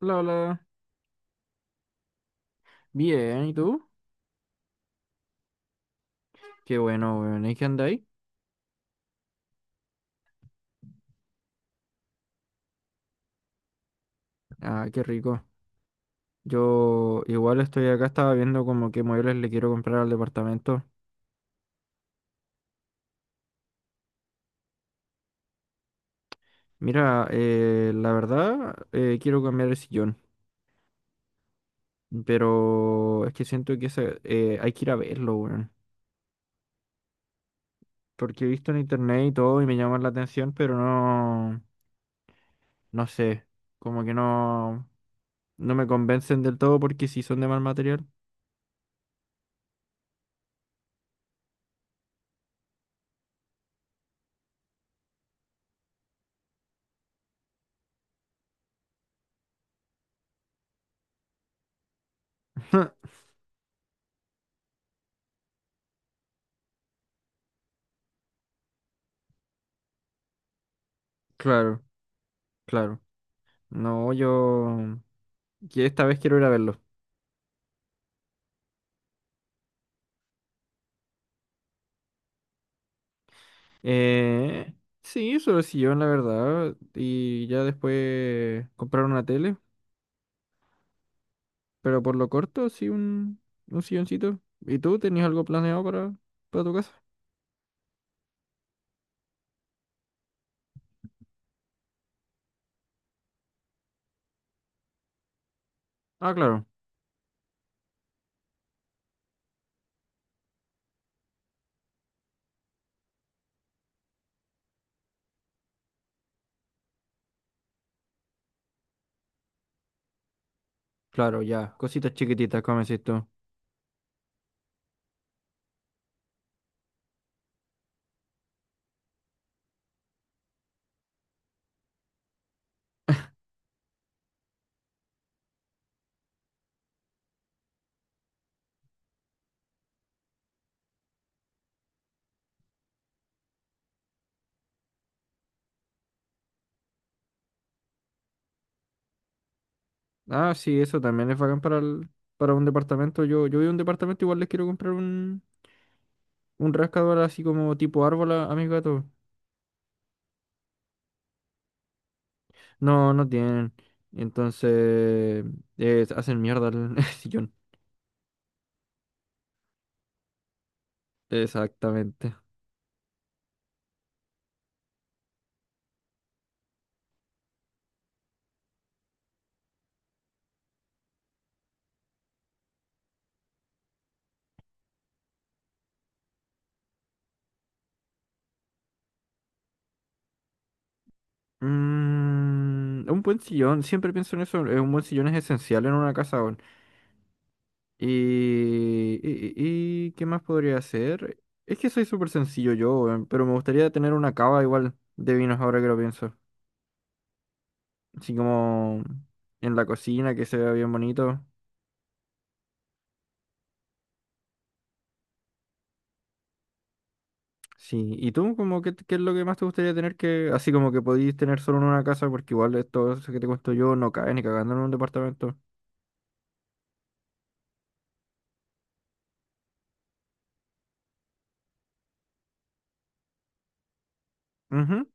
Hola, hola. Bien, ¿y tú? Qué bueno, weón. ¿Y qué andáis? Ah, qué rico. Yo igual estoy acá, estaba viendo como qué muebles le quiero comprar al departamento. Mira, la verdad, quiero cambiar el sillón. Pero es que siento que ese, hay que ir a verlo, weón. Porque he visto en internet y todo y me llama la atención, pero no, no sé. Como que no, no me convencen del todo porque si son de mal material. Claro, claro. No, yo. Que esta vez quiero ir a verlo. Eh, sí, solo sillón, la verdad. Y ya después comprar una tele. Pero por lo corto, sí, un silloncito. ¿Y tú tenías algo planeado para tu casa? Ah, claro, claro, ya. Cositas chiquititas, como decís tú. Ah, sí, eso también es bacán para, para un departamento. Yo vi un departamento, igual les quiero comprar un rascador así como tipo árbol a mis gatos. No, no tienen. Entonces, hacen mierda el sillón. Exactamente. Mm, un buen sillón, siempre pienso en eso. Un buen sillón es esencial en una casa. Weón. ¿Qué más podría hacer? Es que soy súper sencillo yo, weón, pero me gustaría tener una cava igual de vinos ahora que lo pienso. Así como en la cocina, que se vea bien bonito. Sí, ¿y tú como qué, qué es lo que más te gustaría tener que, así como que podís tener solo en una casa, porque igual esto eso que te cuento yo no cae ni cagando en un departamento? Ujú.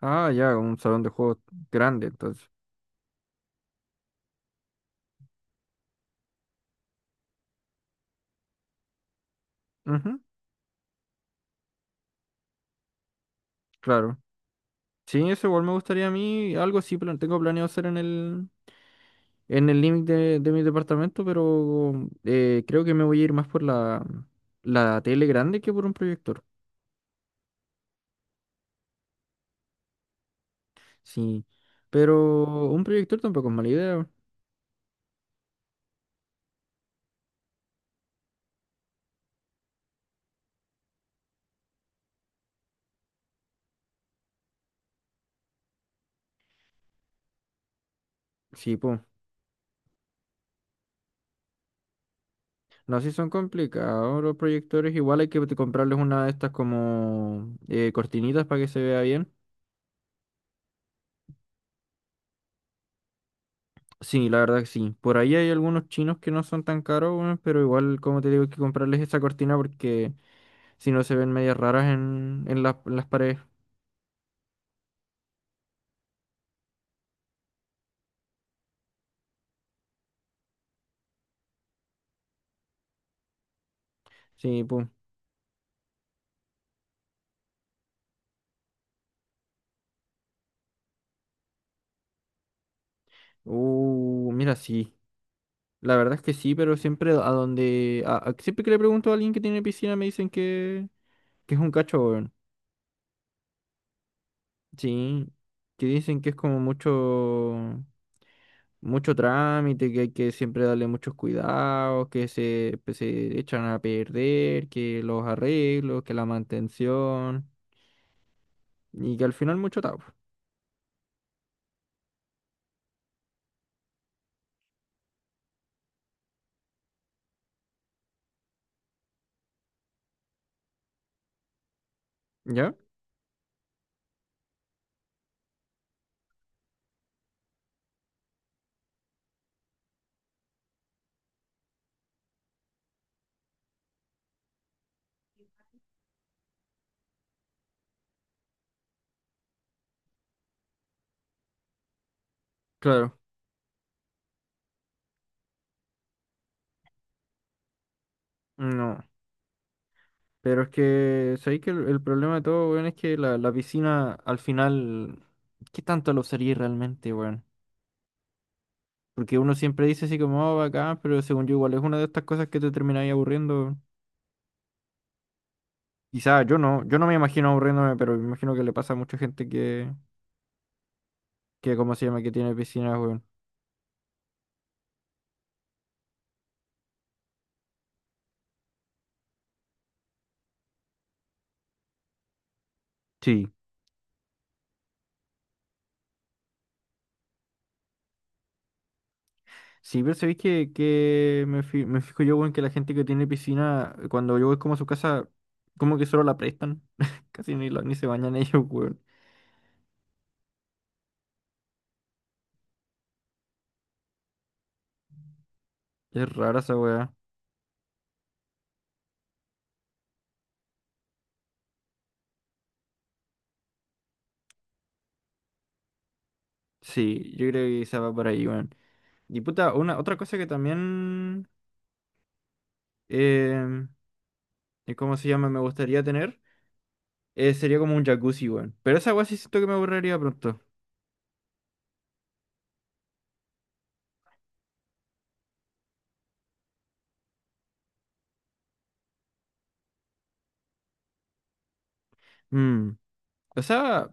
Ah, ya, un salón de juegos grande, entonces. Ujú, claro. Sí, eso igual me gustaría a mí. Algo sí tengo planeado hacer en el límite de mi departamento, pero creo que me voy a ir más por la, la tele grande que por un proyector. Sí. Pero un proyector tampoco es mala idea. Sí, pues. No, sí son complicados los proyectores. Igual hay que comprarles una de estas como cortinitas para que se vea bien. Sí, la verdad que sí. Por ahí hay algunos chinos que no son tan caros, weón, pero igual, como te digo, hay que comprarles esa cortina porque si no se ven medias raras en en las paredes. Sí, pum. Mira, sí. La verdad es que sí, pero siempre a donde. Siempre que le pregunto a alguien que tiene piscina me dicen que es un cacho, weón. Sí. Que dicen que es como mucho. Mucho trámite, que hay que siempre darle muchos cuidados, que se, pues, se echan a perder, que los arreglos, que la mantención. Y que al final mucho tabo. ¿Ya? Claro. No. Pero es que, ¿sabéis que el problema de todo, weón, es que la piscina al final, ¿qué tanto lo usaría realmente, weón? Porque uno siempre dice así como, oh, bacán, pero según yo igual es una de estas cosas que te termináis aburriendo. Quizás yo no, yo no me imagino aburriéndome, pero me imagino que le pasa a mucha gente que ¿cómo se llama? Que tiene piscinas, weón. Sí. Sí, pero ¿sabéis que me fijo yo, weón, que la gente que tiene piscina, cuando yo voy como a su casa, como que solo la prestan. Casi ni, ni se bañan ellos, weón. Es rara esa weá. Sí, yo creo que quizá va por ahí, weón. Y puta, una, otra cosa que también, em, ¿cómo se llama? Me gustaría tener, sería como un jacuzzi, weón. Pero esa weá sí siento que me aburriría pronto. Mm, O sea,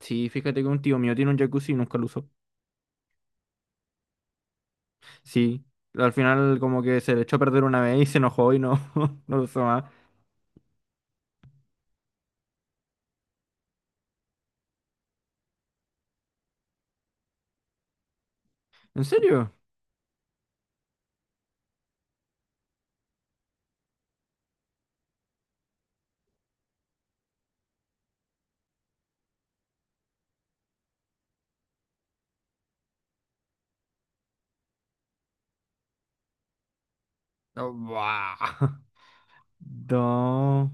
sí, fíjate que un tío mío tiene un jacuzzi y nunca lo usó. Sí, al final como que se le echó a perder una vez y se enojó y no, no lo usó más. ¿En serio? No, buah. No,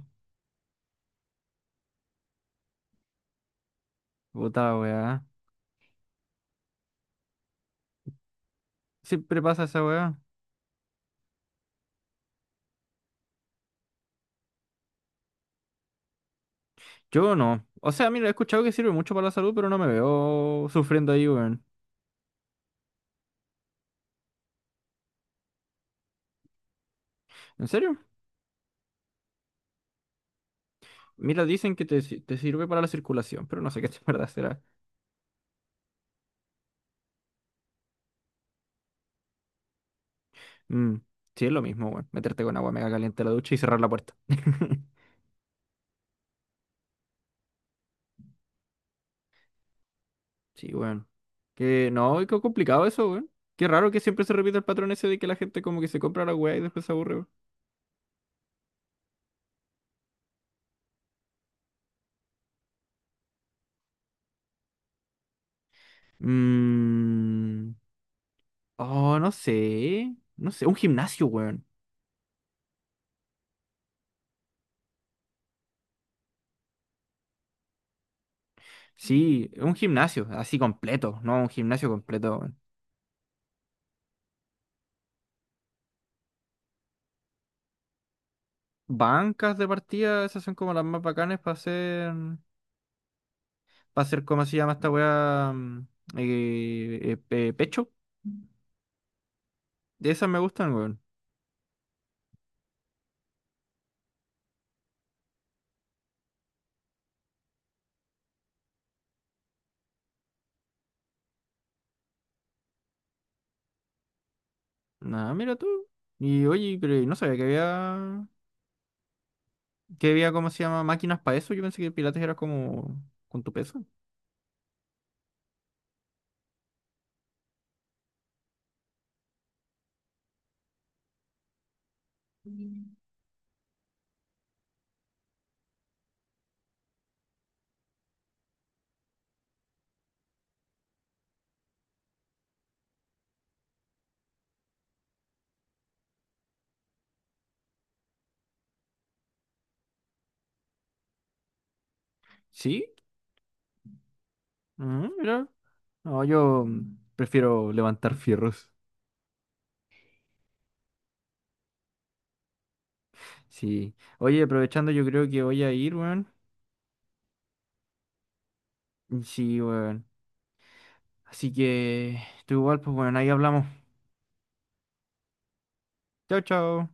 puta weá. Siempre pasa esa weá. Yo no. O sea, mira, he escuchado que sirve mucho para la salud, pero no me veo sufriendo ahí, weón. ¿En serio? Mira, dicen que te, te sirve para la circulación, pero no sé qué es verdad será. Mm, sí, es lo mismo, weón. Meterte con agua mega caliente a la ducha y cerrar la puerta. Sí, weón. Que no, qué complicado eso, weón. Qué raro que siempre se repite el patrón ese de que la gente como que se compra la weá y después se aburre, weón. Mm, oh, no sé. No sé, un gimnasio, weón. Sí, un gimnasio, así completo, no, un gimnasio completo, weón. Bancas de partida, esas son como las más bacanas para hacer, ¿cómo se llama esta weá? Mm, pecho. De esas me gustan, weón. Nada, mira tú. Y oye, pero no sabía que había, ¿cómo se llama? Máquinas para eso. Yo pensé que Pilates era como con tu peso. ¿Sí? Mm, mira. No, yo prefiero levantar fierros. Sí. Oye, aprovechando, yo creo que voy a ir, weón. Sí, weón. Así que, tú igual, pues, bueno, ahí hablamos. Chao, chao.